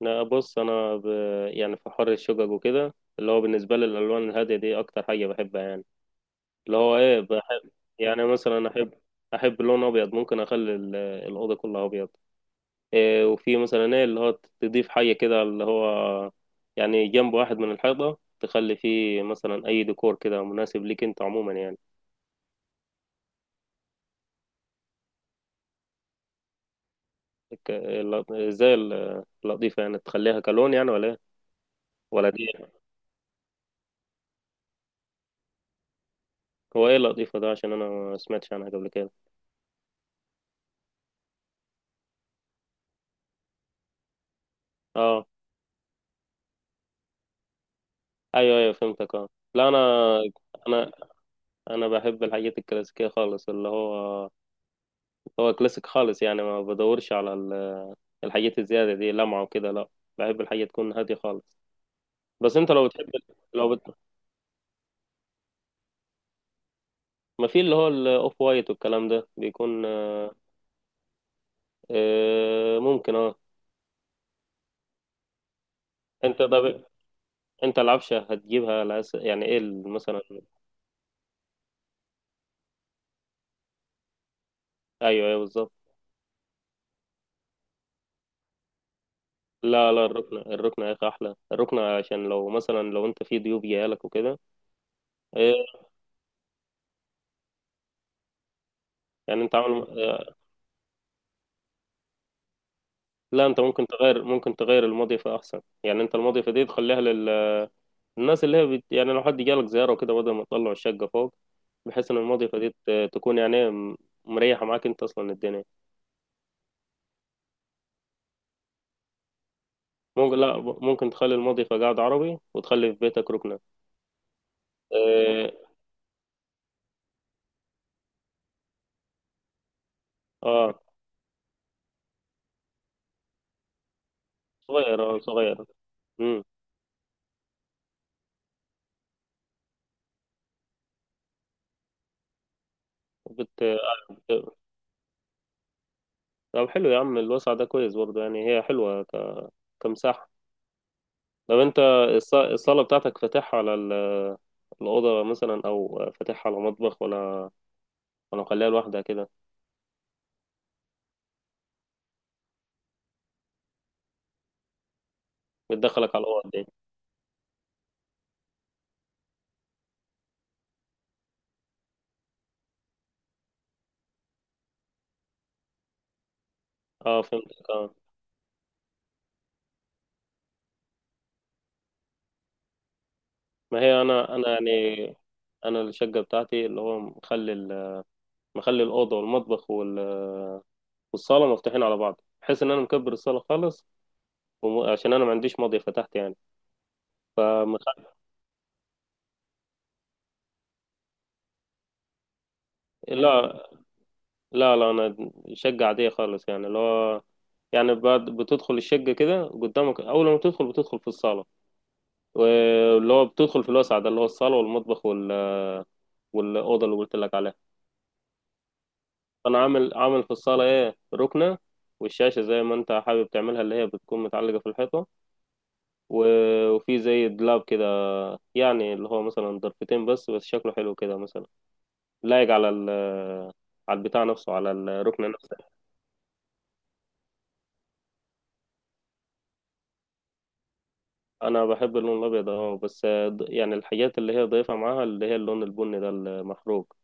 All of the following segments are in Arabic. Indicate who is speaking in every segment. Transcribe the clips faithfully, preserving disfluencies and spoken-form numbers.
Speaker 1: لا، بص، انا ب... يعني في حر الشقق وكده اللي هو بالنسبه لي الالوان الهاديه دي اكتر حاجه بحبها يعني. اللي هو ايه بحب. يعني مثلا احب احب اللون ابيض. ممكن اخلي ال- الاوضه كلها ابيض. إيه، وفي مثلا ايه اللي هو تضيف حاجه كده اللي هو يعني جنب واحد من الحيطه تخلي فيه مثلا اي ديكور كده مناسب ليك انت عموما يعني. ك... ال- زي ال- اللطيفه يعني تخليها كلون يعني ولا ايه؟ ولا دي؟ هو ايه اللطيفه ده؟ عشان انا ما سمعتش عنها قبل كده. اه، ايوه ايوه، فهمتك، اه. لا، انا انا انا بحب الحاجات الكلاسيكيه خالص اللي هو. هو كلاسيك خالص، يعني ما بدورش على ال- الحاجات الزياده دي لمعه وكده، لا. بحب الحاجه تكون هاديه خالص. بس انت لو بتحب، لو بت... ما في اللي هو الاوف وايت والكلام ده بيكون. آه، آه، ممكن، اه. انت طب، انت العفشه هتجيبها على أس... يعني ايه ال- مثلا؟ ايوه ايوه بالظبط. لا لا، الركنه الركنه يا اخي احلى، الركنه عشان لو مثلا لو انت في ضيوف جايلك وكده. آه، يعني انت عامل. لا، انت ممكن تغير ممكن تغير المضيفة احسن. يعني انت المضيفة دي تخليها للناس اللي هي بت... يعني لو حد جالك زيارة وكده بدل ما تطلع الشقة فوق. بحيث ان المضيفة دي ت- تكون يعني م- مريحة معاك انت اصلا الدنيا. ممكن، لا ب- ممكن تخلي المضيفة قاعد عربي وتخلي في بيتك ركنة. اه. آه. صغير، اه، صغير. امم. بت... طب حلو يا عم، الوسع ده كويس برضه، يعني هي حلوة ك... كمساحة. طب انت، الص- الصالة بتاعتك فاتحها على ال- الأوضة مثلا؟ أو فاتحها على مطبخ؟ ولا ولا مخليها لوحدها كده؟ بتدخلك على الأوض دي؟ اه فهمتك اه. ما هي أنا أنا يعني، أنا الشقة بتاعتي اللي هو مخلي ال- مخلي الأوضة والمطبخ وال- والصالة مفتوحين على بعض، بحيث إن أنا مكبر الصالة خالص. وم- عشان أنا ما عنديش ماضي فتحت يعني. فمخ... لا لا لا، أنا شقة عادية خالص، يعني اللي هو يعني بعد بتدخل الشقة كده قدامك، أول ما تدخل بتدخل في الصالة، واللي هو بتدخل في الوسع ده اللي هو الصالة والمطبخ وال والأوضة اللي قلت لك عليها. فأنا عامل عامل في الصالة إيه ركنة، والشاشة زي ما أنت حابب تعملها اللي هي بتكون متعلقة في الحيطة، و- وفي زي دولاب كده، يعني اللي هو مثلا ضرفتين، بس بس شكله حلو كده مثلا، لايق على ال، على البتاع نفسه، على الركنة نفسها. أنا بحب اللون الأبيض أه، بس يعني الحاجات اللي هي ضايفها معاها اللي هي اللون البني ده المحروق،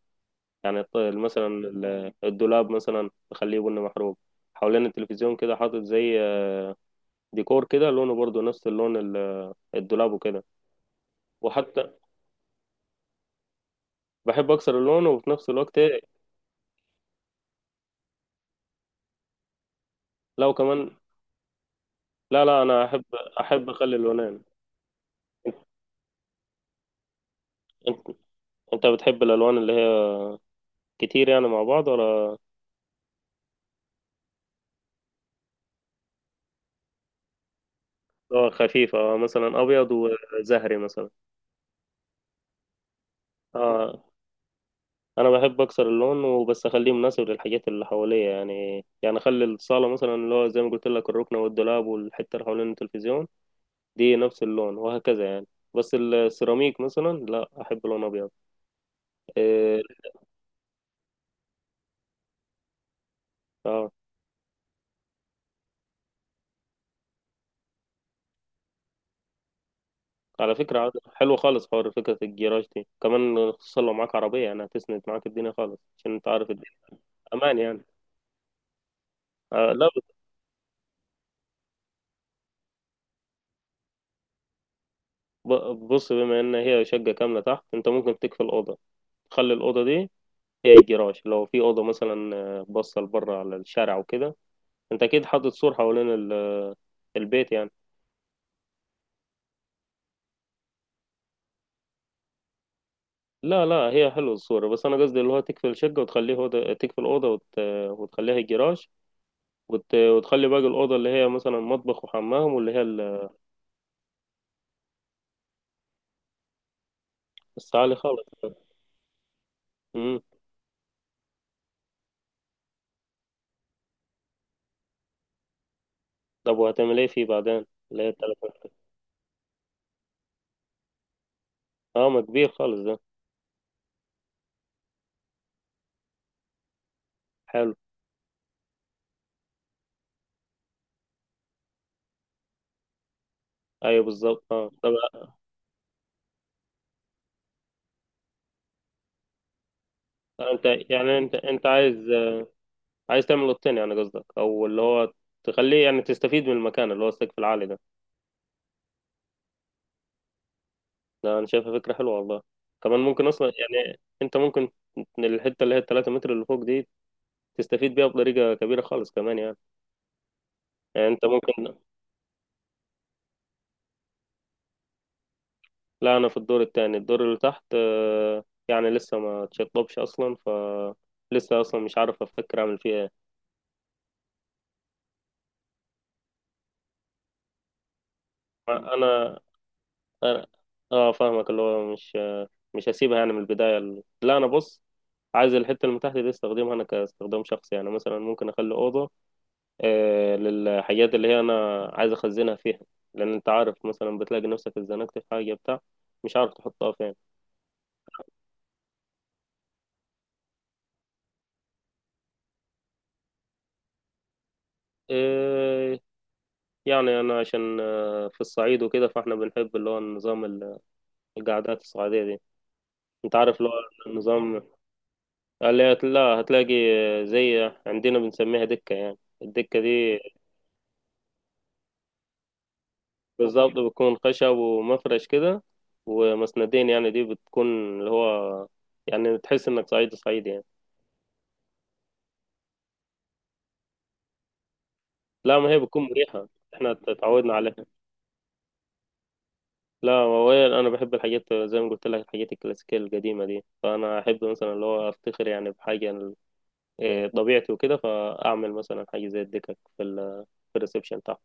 Speaker 1: يعني الط- مثلا ال- الدولاب مثلا بخليه بني محروق. حوالين التلفزيون كده حاطط زي ديكور كده لونه برضو نفس اللون ال- الدولاب وكده. وحتى بحب اكسر اللون، وفي نفس الوقت لو كمان، لا لا، انا احب احب اخلي اللونين. انت أنت بتحب الالوان اللي هي كتير يعني مع بعض ولا؟ آه، خفيفة، آه، مثلا ابيض وزهري مثلا. اه. انا بحب اكسر اللون وبس اخليه مناسب للحاجات اللي حواليا، يعني يعني اخلي الصاله مثلا اللي هو زي ما قلت لك الركنه والدولاب والحته اللي حوالين التلفزيون دي نفس اللون وهكذا يعني. بس السيراميك مثلا لا، احب لون ابيض. إيه. اه. على فكرة عاد- حلو خالص حوار فكرة الجراج دي كمان، خصوصا لو معاك عربية، يعني هتسند معاك الدنيا خالص، عشان انت عارف الدنيا، امان يعني. آه لا، بت- ب- بص، بما ان هي شقة كاملة تحت انت ممكن تكفي الأوضة، تخلي الأوضة دي هي الجراج، لو في أوضة مثلا آه، باصة لبره على الشارع وكده. انت اكيد حاطط سور حوالين ال- البيت يعني. لا لا، هي حلوة الصورة، بس أنا قصدي اللي هو تقفل شقة وتخليه أوضة، تقفل أوضة وت... وتخليها الجراج، وت... وتخلي باقي الأوضة اللي هي مثلا مطبخ وحمام، واللي هي ال- الصالة خالص. امم. طب وهتعمل إيه فيه بعدين؟ اللي هي التلفون، أه ما كبير خالص ده. حلو. أيوه بالظبط، أه. طب أنت يعني أنت أنت عايز، عايز تعمل أوضتين يعني قصدك؟ أو اللي هو تخليه يعني تستفيد من المكان اللي هو السقف العالي ده؟ ده أنا شايفها فكرة حلوة والله. كمان ممكن أصلا يعني أنت ممكن الحتة اللي هي التلاتة متر اللي فوق دي تستفيد بيها بطريقة كبيرة خالص كمان يعني. يعني انت ممكن. لا، انا في الدور التاني، الدور اللي تحت آه، يعني لسه ما تشطبش اصلا ف لسه اصلا مش عارف افكر اعمل فيها ايه. انا، أنا- اه فاهمك، اللي هو مش آه، مش هسيبها يعني من البداية. لا، انا بص، عايز الحتة اللي تحت دي استخدمها انا كاستخدام شخصي، يعني مثلا ممكن اخلي اوضة آه، للحاجات اللي هي انا عايز اخزنها فيها، لان انت عارف مثلا بتلاقي نفسك اتزنقت في حاجة بتاع مش عارف تحطها فين. آه، يعني انا عشان آه، في الصعيد وكده، فاحنا بنحب اللي هو النظام ال- القعدات الصعيدية دي. انت عارف اللي هو النظام اللي هت- لا هتلاقي، آه، زي عندنا بنسميها دكة. يعني الدكة دي بالظبط بتكون خشب ومفرش كده ومسندين، يعني دي بتكون اللي هو يعني تحس انك صعيدي صعيدي يعني. لا، ما هي بتكون مريحة، احنا اتعودنا عليها. لا، هو انا بحب الحاجات زي ما قلت لك، الحاجات الكلاسيكية القديمة دي، فانا احب مثلا اللي هو افتخر يعني بحاجة إيه، طبيعتي وكده، فاعمل مثلا حاجه زي الدكك في ال، في الريسبشن بتاعه.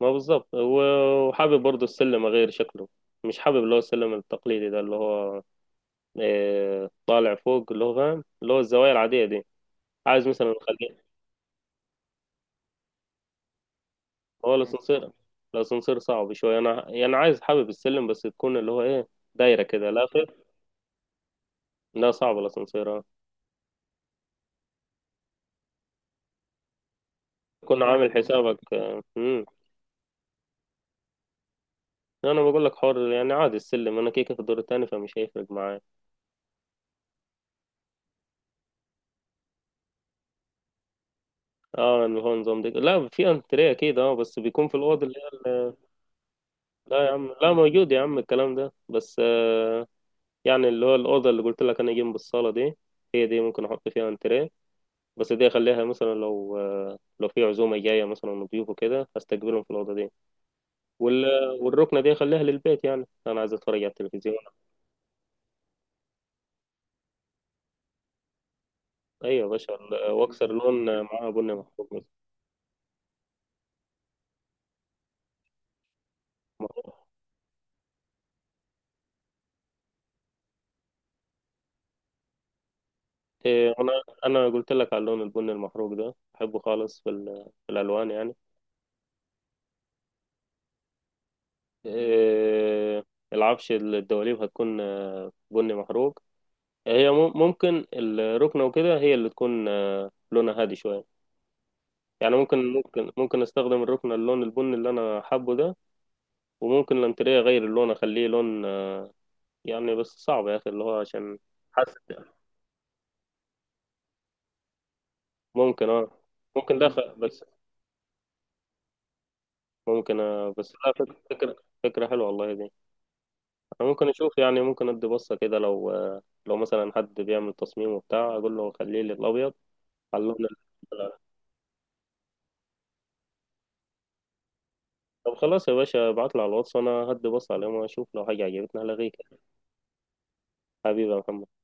Speaker 1: ما بالظبط. و- وحابب برضو السلم اغير شكله، مش حابب اللي هو السلم التقليدي ده اللي هو إيه، طالع فوق اللي هو فاهم اللي هو الزوايا العاديه دي. عايز مثلا اخليه. هو الاسانسير، الاسانسير صعب شويه، انا يعني عايز، حابب السلم بس تكون اللي هو ايه دايره كده. لا خير، لا، صعب الاسانسير. آه. تكون عامل حسابك، آه، مم. انا بقول لك، حر يعني، عادي السلم، انا كيكه في الدور التاني فمش هيفرق معايا. اه اللي هو نظام دي، لا في انتريه اكيد اه، بس بيكون في الاوضه اللي هي ال- لا يا عم، لا، موجود يا عم الكلام ده، بس آه يعني اللي هو الاوضه اللي قلت لك انا جنب الصاله دي، هي دي ممكن احط فيها انتريه، بس دي اخليها مثلا لو آه لو في عزومه جايه مثلا وضيوف وكده هستقبلهم في الاوضه دي، وال، والركنه دي اخليها للبيت، يعني انا عايز اتفرج على التلفزيون. ايوه يا باشا ال- واكسر لون معاه بني محروق مثلا. إيه، انا، انا قلت لك على اللون البني المحروق ده بحبه خالص، في ال- في الالوان يعني. آه، العفش الدواليب هتكون آه، بني محروق. هي مم- ممكن الركنة وكده هي اللي تكون آه، لونها هادي شوية، يعني ممكن ممكن ممكن استخدم الركنة اللون البني اللي انا حابه ده، وممكن الانتريه اغير اللون اخليه لون آه، يعني بس صعب يا اخي اللي هو عشان، حاسس، ممكن اه، ممكن داخل بس، ممكن آه، بس لا، فك- فكرة. فكرة حلوة والله دي. انا ممكن اشوف، يعني ممكن ادي بصة كده لو آه، لو مثلا حد بيعمل تصميم وبتاع اقول له خليه لي الابيض. حلونا. ال- طب خلاص يا باشا، ابعتلي على الواتس وانا هدي بص عليهم واشوف لو حاجة عجبتني هلغيك. حبيبي يا محمد.